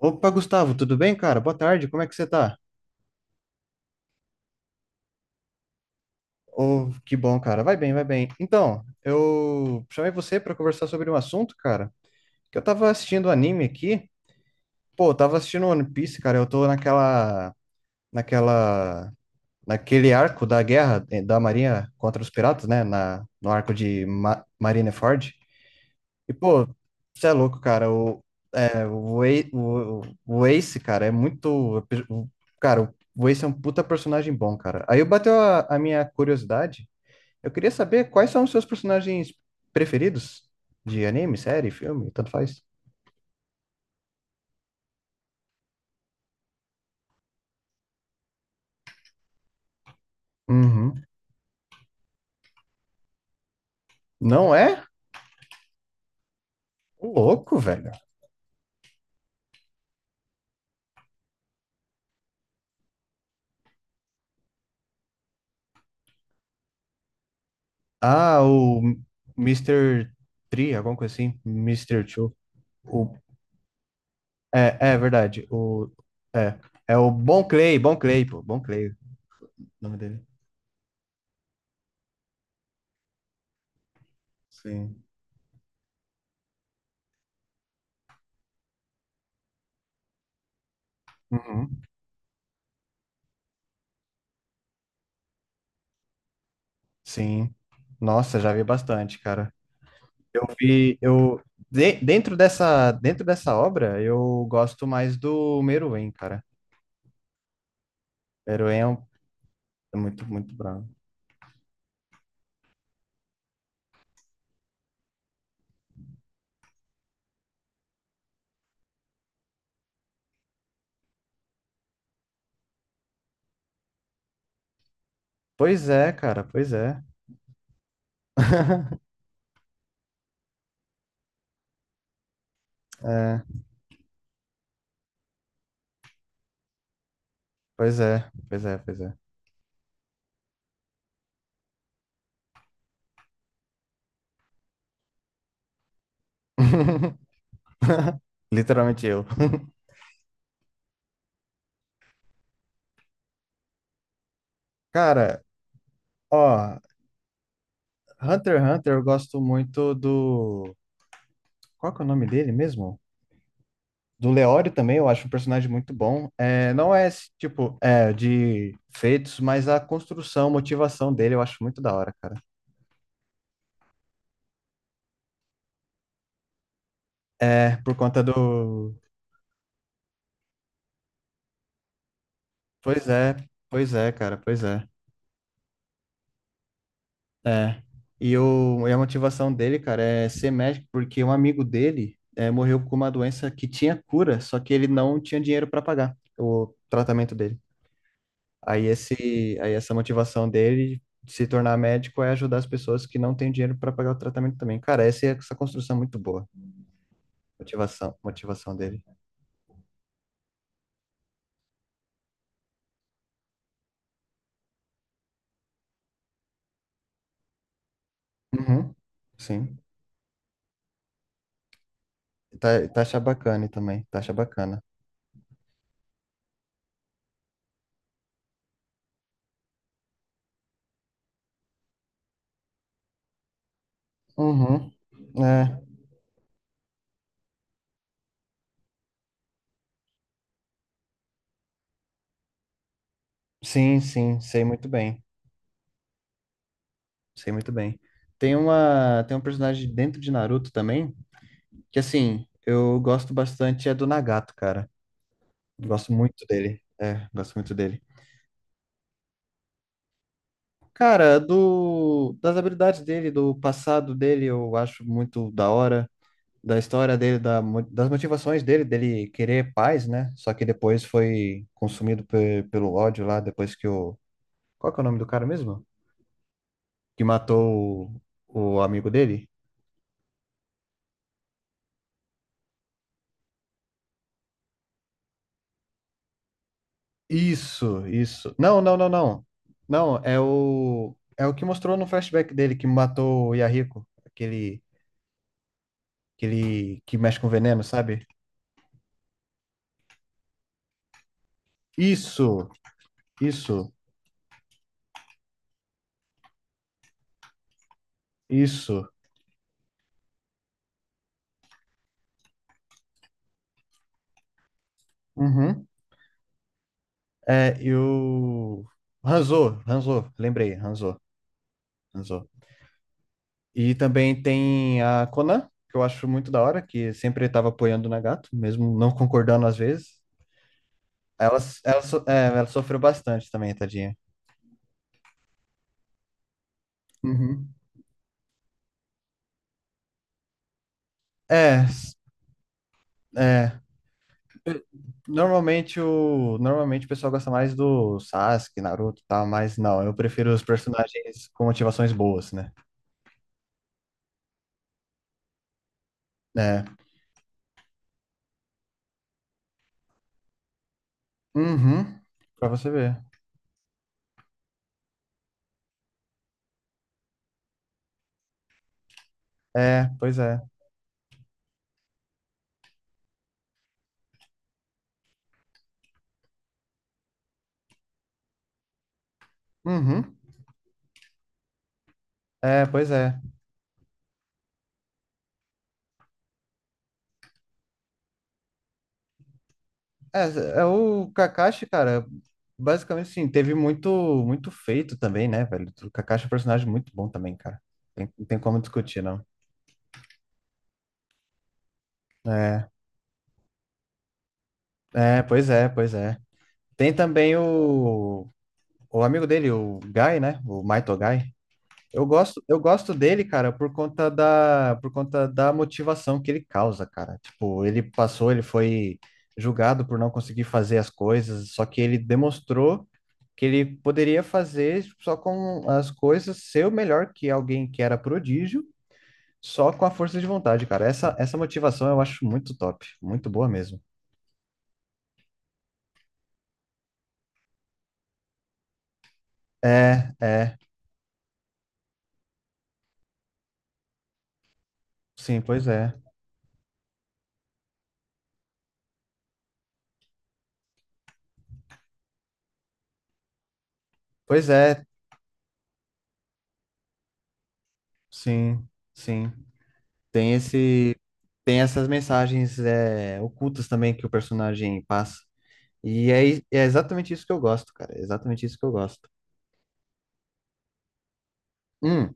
Opa, Gustavo, tudo bem, cara? Boa tarde, como é que você tá? Oh, que bom, cara. Vai bem, vai bem. Então, eu chamei você para conversar sobre um assunto, cara, que eu tava assistindo um anime aqui. Pô, eu tava assistindo One Piece, cara. Eu tô naquela, naquele arco da guerra da Marinha contra os piratas, né? No arco de Ma Marineford. E, pô, você é louco, cara. O Ace, cara, é muito. o- Cara, o Ace é um puta personagem bom, cara. Aí bateu a minha curiosidade. Eu queria saber quais são os seus personagens preferidos de anime, série, filme, tanto faz. Uhum. Não é? Ô, louco, velho. Ah, o Mister Tree, alguma coisa assim. Mister Two. O, é, é verdade. O, é, é o Bon Clay, Bon Clay, pô. Bon Clay, o nome dele. Sim. Uhum. Sim. Nossa, já vi bastante, cara. Eu vi, eu de- Dentro dessa obra, eu gosto mais do Meruem, cara. Meruem é muito bravo. Pois é, cara, pois é. É, pois é, pois é, pois é. Literalmente eu. Cara, ó, Hunter x Hunter, eu gosto muito do... Qual que é o nome dele mesmo? Do Leório também, eu acho um personagem muito bom. É, não é esse tipo de feitos, mas a construção, motivação dele eu acho muito da hora, cara. É, por conta do. Pois é, pois é, cara, pois é. É. E, o, e a motivação dele, cara, é ser médico, porque um amigo dele morreu com uma doença que tinha cura, só que ele não tinha dinheiro para pagar o tratamento dele. Aí essa motivação dele de se tornar médico é ajudar as pessoas que não têm dinheiro para pagar o tratamento também. Cara, essa construção é muito boa. Motivação, motivação dele. Uhum. Sim. Tá, tá achar bacana também. Tá achar bacana. Uhum. É. Sim, sim, sei muito bem. Sei muito bem. Tem um personagem dentro de Naruto também, que assim, eu gosto bastante é do Nagato, cara. Gosto muito dele. É, gosto muito dele. Cara, do, das habilidades dele, do passado dele, eu acho muito da hora. Da história dele, das motivações dele, dele querer paz, né? Só que depois foi consumido pelo ódio lá, depois que o... Qual que é o nome do cara mesmo? Que matou o amigo dele? Isso, isso. Não, não, não, não. Não, é o... É o que mostrou no flashback dele que matou o Yahiko, aquele, aquele que mexe com veneno, sabe? Isso, isso. Isso. Uhum. É, e o Hanzo, Hanzo, lembrei, Hanzo, Hanzo. E também tem a Conan, que eu acho muito da hora, que sempre estava apoiando o Nagato, mesmo não concordando às vezes. Ela, Ela sofreu bastante também, tadinha. Uhum. É, s- É. Normalmente o, normalmente o pessoal gosta mais do Sasuke, Naruto e tal, mas não, eu prefiro os personagens com motivações boas, né? É. Uhum. Pra você ver. É, pois é. Uhum. É, pois é. É, é o Kakashi, cara, basicamente assim, teve muito muito feito também, né, velho? O Kakashi é um personagem muito bom também, cara. Tem, não tem como discutir, não. É, é, pois é, pois é. Tem também o amigo dele, o Guy, né? O Maito Guy. Eu gosto dele, cara, por conta da motivação que ele causa, cara. Tipo, ele passou, ele foi julgado por não conseguir fazer as coisas, só que ele demonstrou que ele poderia fazer só com as coisas, ser o melhor que alguém que era prodígio, só com a força de vontade, cara. Essa motivação eu acho muito top, muito boa mesmo. É, é, sim, pois é. Pois é, sim, sim. Tem esse, tem essas mensagens ocultas também que o personagem passa. E é exatamente isso que eu gosto, cara. É exatamente isso que eu gosto. Hum,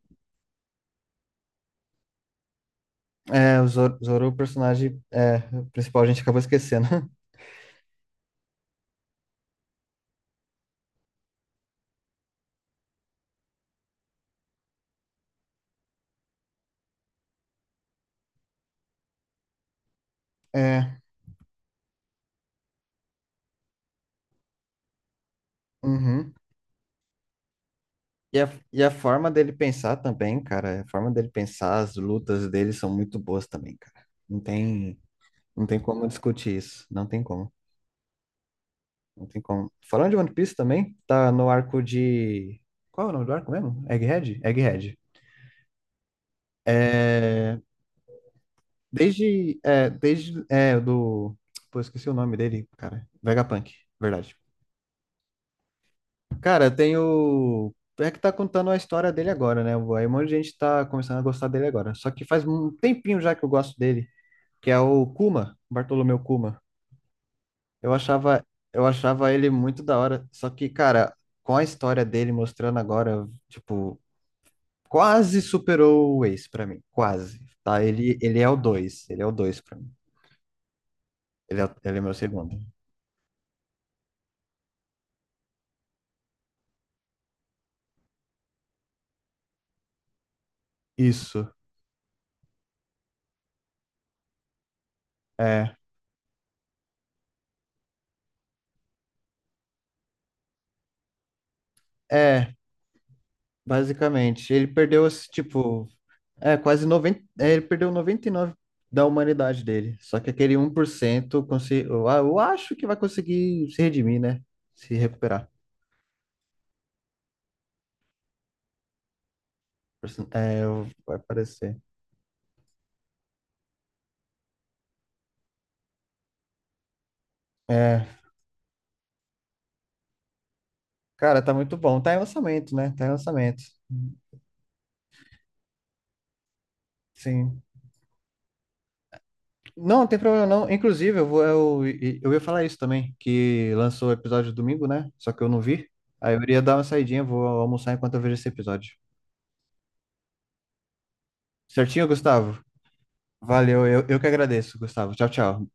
é, o Zoro, Zoro, o personagem é principal, a gente acabou esquecendo. É, uhum. E a, e a forma dele pensar também, cara. A forma dele pensar, as lutas dele são muito boas também, cara. Não tem, não tem como discutir isso. Não tem como. Não tem como. Falando de One Piece também, tá no arco de... Qual é o nome do arco mesmo? Egghead? Egghead. É, desde, pô, esqueci o nome dele, cara, Vegapunk, verdade. Cara, tem o, é que tá contando a história dele agora, né, aí um monte de gente tá começando a gostar dele agora, só que faz um tempinho já que eu gosto dele, que é o Kuma, Bartolomeu Kuma, eu achava, eu achava ele muito da hora, só que, cara, com a história dele mostrando agora, tipo, quase superou o Ace pra mim, quase, tá, ele, ele é o dois pra mim, ele é meu segundo. Isso. É, é, basicamente. Ele perdeu, esse, tipo, ele perdeu 99% da humanidade dele. Só que aquele um 1% eu, eu acho que vai conseguir se redimir, né? Se recuperar. É, vai aparecer. É, cara, tá muito bom. Tá em lançamento, né? Tá em lançamento. Sim. Não, não tem problema não. Inclusive, eu ia falar isso também, que lançou o episódio domingo, né? Só que eu não vi. Aí eu iria dar uma saidinha, vou almoçar enquanto eu vejo esse episódio. Certinho, Gustavo? Valeu, eu que agradeço, Gustavo. Tchau, tchau.